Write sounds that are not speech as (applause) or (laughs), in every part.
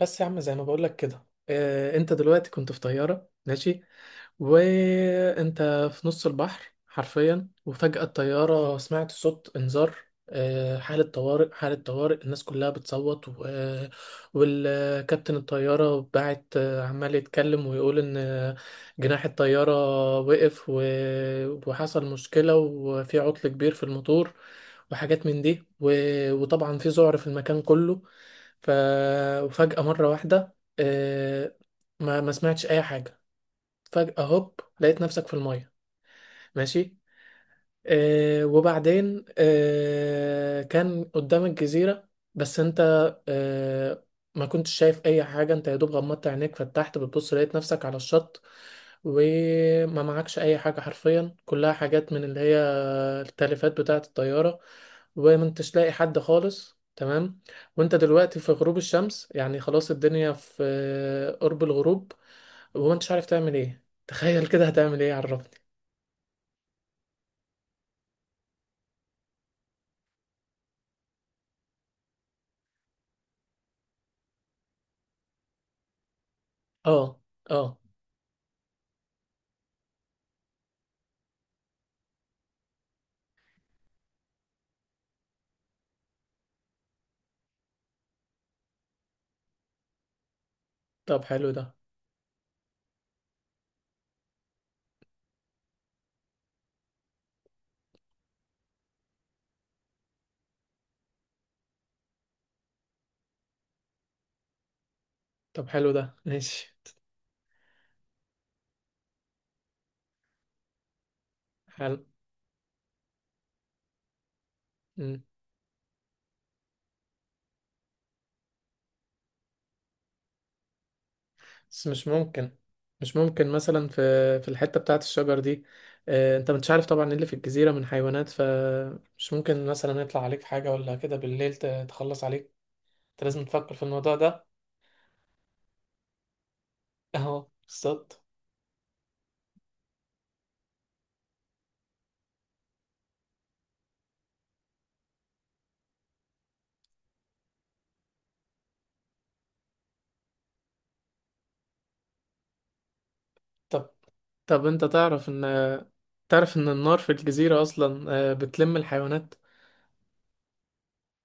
بس يا عم زي ما بقولك كده، انت دلوقتي كنت في طيارة ماشي، وانت في نص البحر حرفيا. وفجأة الطيارة سمعت صوت انذار، حالة طوارئ حالة طوارئ، الناس كلها بتصوت والكابتن الطيارة بعت، عمال يتكلم ويقول ان جناح الطيارة وقف وحصل مشكلة، وفي عطل كبير في الموتور وحاجات من دي، وطبعا في ذعر في المكان كله. ف... وفجأة مرة واحدة، ما سمعتش أي حاجة. فجأة هوب لقيت نفسك في المية، ماشي. وبعدين كان قدامك جزيرة، بس أنت آه، ما كنتش شايف أي حاجة. أنت يا دوب غمضت عينيك، فتحت بتبص لقيت نفسك على الشط، وما معكش أي حاجة حرفيا، كلها حاجات من اللي هي التلفات بتاعة الطيارة، وما انتش تلاقي حد خالص، تمام. وانت دلوقتي في غروب الشمس، يعني خلاص الدنيا في قرب الغروب، وما انتش عارف تعمل ايه. (laughs) تخيل كده هتعمل ايه، عرفني. اه، اه. طب حلو ده. طب حلو ده، ماشي. حلو. مم. بس مش ممكن، مش ممكن مثلا في في الحتة بتاعة الشجر دي. انت مش عارف طبعا ايه اللي في الجزيرة من حيوانات، فمش ممكن مثلا يطلع عليك حاجة ولا كده بالليل تخلص عليك. انت لازم تفكر في الموضوع ده. اهو بالظبط. طب طب انت تعرف ان، تعرف ان النار في الجزيرة اصلا بتلم الحيوانات.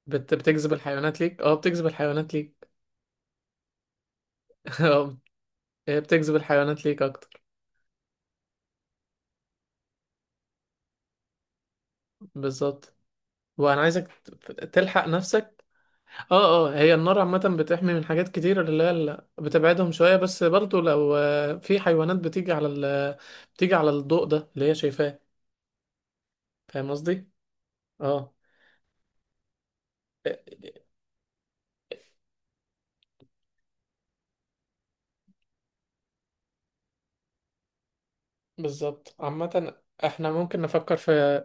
بتجذب الحيوانات ليك، اه بتجذب الحيوانات ليك. (laughs) اه، بتجذب الحيوانات ليك اكتر. بالظبط. وانا عايزك تلحق نفسك. اه، اه. هي النار عامة بتحمي من حاجات كتير، اللي هي بتبعدهم شوية، بس برضو لو في حيوانات بتيجي على بتيجي على الضوء ده اللي هي شايفاه. فاهم قصدي؟ اه بالظبط. عامة احنا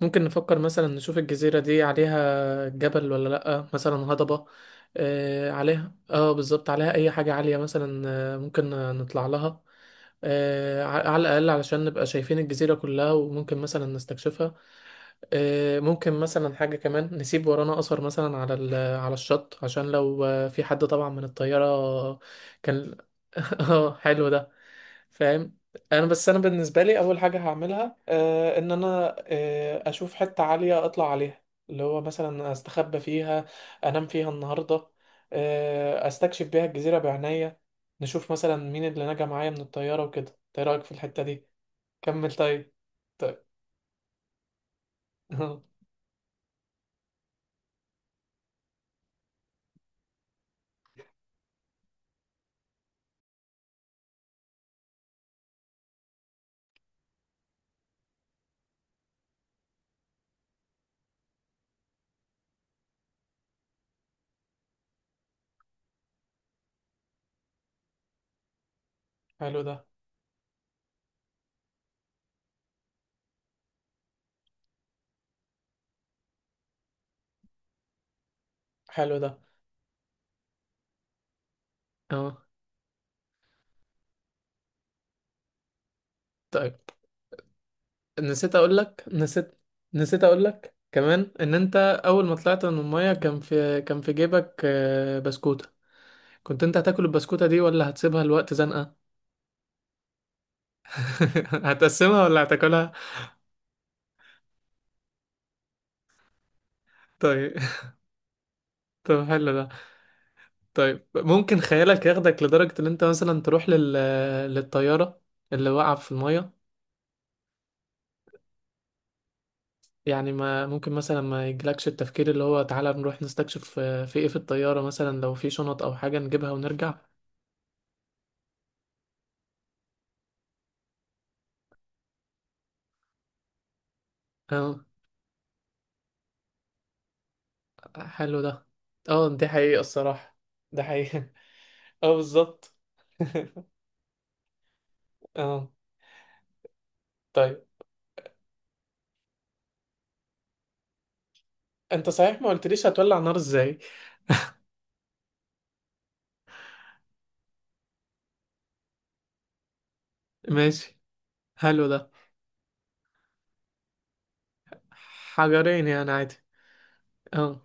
ممكن نفكر مثلا نشوف الجزيرة دي عليها جبل ولا لأ، مثلا هضبة. آه عليها، اه بالظبط، عليها أي حاجة عالية مثلا. ممكن نطلع لها، آه على الأقل علشان نبقى شايفين الجزيرة كلها، وممكن مثلا نستكشفها. آه ممكن مثلا حاجة كمان، نسيب ورانا أثر مثلا على على الشط عشان لو في حد طبعا من الطيارة كان. (laughs) اه حلو ده. فاهم. بس انا بالنسبه لي اول حاجه هعملها، ان انا اشوف حته عاليه اطلع عليها، اللي هو مثلا استخبى فيها، انام فيها النهارده، استكشف بيها الجزيره بعناية، نشوف مثلا مين اللي نجا معايا من الطياره وكده. إنت ايه رايك في الحته دي؟ كمل طيب. طيب. (laughs) حلو ده. حلو ده، اه. طيب، نسيت اقول لك نسيت نسيت اقول لك كمان ان انت، اول ما طلعت من الميه كان في جيبك بسكوتة. كنت انت هتاكل البسكوتة دي ولا هتسيبها لوقت زنقة؟ (laughs) هتقسمها ولا هتاكلها؟ طيب. طب حلو ده. طيب ممكن خيالك ياخدك لدرجة ان انت مثلا تروح للطيارة اللي واقعة في المية؟ يعني ما ممكن مثلا ما يجيلكش التفكير، اللي هو تعالى نروح نستكشف في ايه في الطيارة مثلا، لو في شنط او حاجة نجيبها ونرجع. اه حلو ده. اه، دي حقيقة الصراحة. ده حقيقة. (laughs) اه بالظبط. (laughs) اه. طيب، انت صحيح ما قلتليش هتولع نار ازاي. ماشي. حلو ده. حجرين يعني عادي، اه.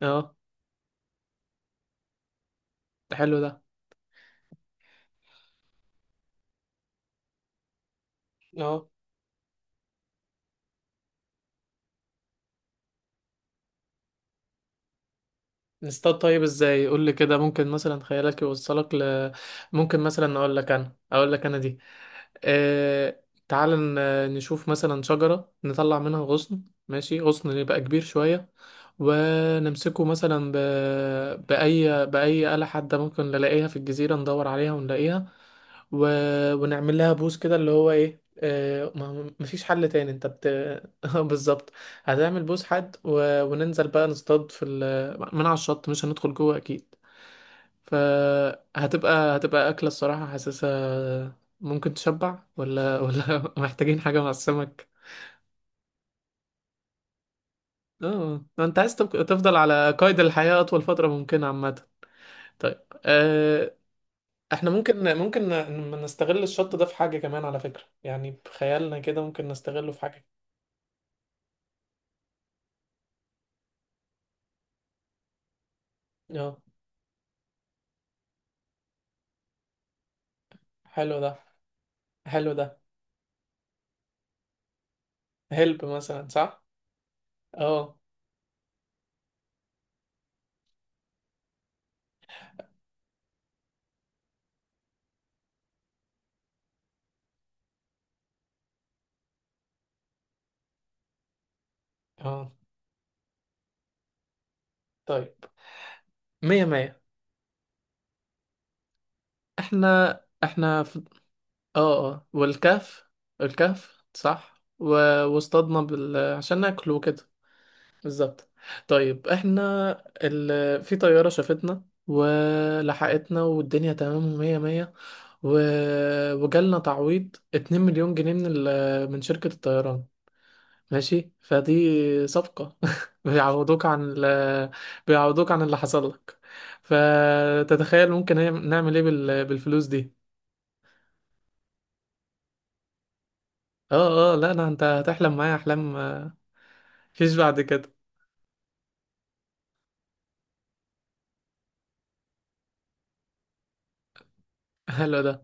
اه، ده حلو ده. اه. نصطاد، طيب ازاي؟ قول لي كده. ممكن مثلا خيالك يوصلك ل، ممكن مثلا اقول لك انا دي. اه، تعال نشوف مثلا شجرة نطلع منها غصن، ماشي، غصن يبقى كبير شوية. ونمسكه مثلا ب... بأي بأي آلة حادة ممكن نلاقيها في الجزيرة، ندور عليها ونلاقيها و... ونعمل لها بوس كده، اللي هو ايه، ما مفيش حل تاني، انت (laughs) بالظبط. هتعمل بوس حد وننزل بقى نصطاد في من على الشط، مش هندخل جوه اكيد. فهتبقى هتبقى اكله، الصراحه حاسسها ممكن تشبع ولا (laughs) محتاجين حاجه مع السمك؟ اه، انت عايز تفضل على قيد الحياه اطول فتره ممكنه، عامه. طيب، احنا ممكن نستغل الشط ده في حاجه كمان على فكره، يعني بخيالنا كده ممكن نستغله في حاجه. اه حلو ده. حلو ده. هلب مثلا، صح. اه، اه، طيب. مية مية. احنا اه، اه، والكهف. الكهف، صح، واصطادنا عشان ناكل وكده. بالظبط. طيب، احنا في طيارة شافتنا ولحقتنا والدنيا تمام ومية مية، و... وجالنا تعويض 2 مليون جنيه من من شركة الطيران، ماشي. فدي صفقة، (laughs) بيعوضوك عن بيعوضوك عن اللي حصل لك. فتتخيل ممكن نعمل ايه بالفلوس دي. اه، اه لا، انت هتحلم معايا احلام مفيش بعد كده. حلو ده.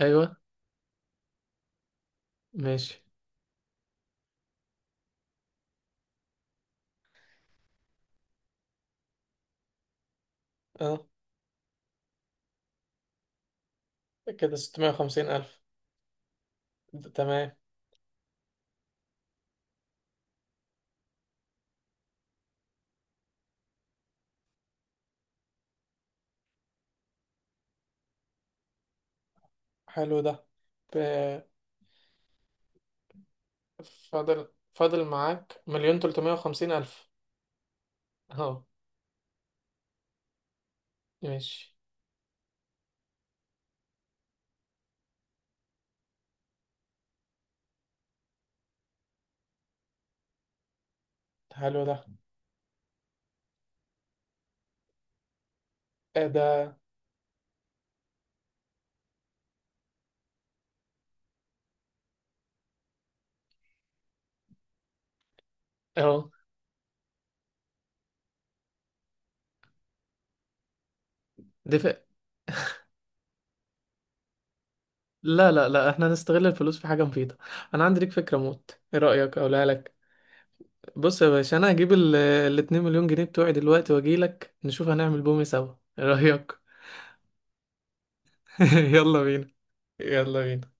ايوه، ماشي، اه. كده 650 ألف، ده تمام. حلو ده. ب... فاضل معاك مليون تلتمية وخمسين ألف. اهو. ماشي. حلو ده. ايه ده. اهو. دفع. لا لا لا، احنا هنستغل الفلوس في حاجة مفيدة. انا عندي ليك فكرة موت، ايه رأيك اقولها لك؟ بص يا باشا، انا هجيب ال 2 مليون جنيه بتوعي دلوقتي واجي لك، نشوف هنعمل بومي سوا. ايه رأيك؟ (laughs) يلا بينا. يلا بينا.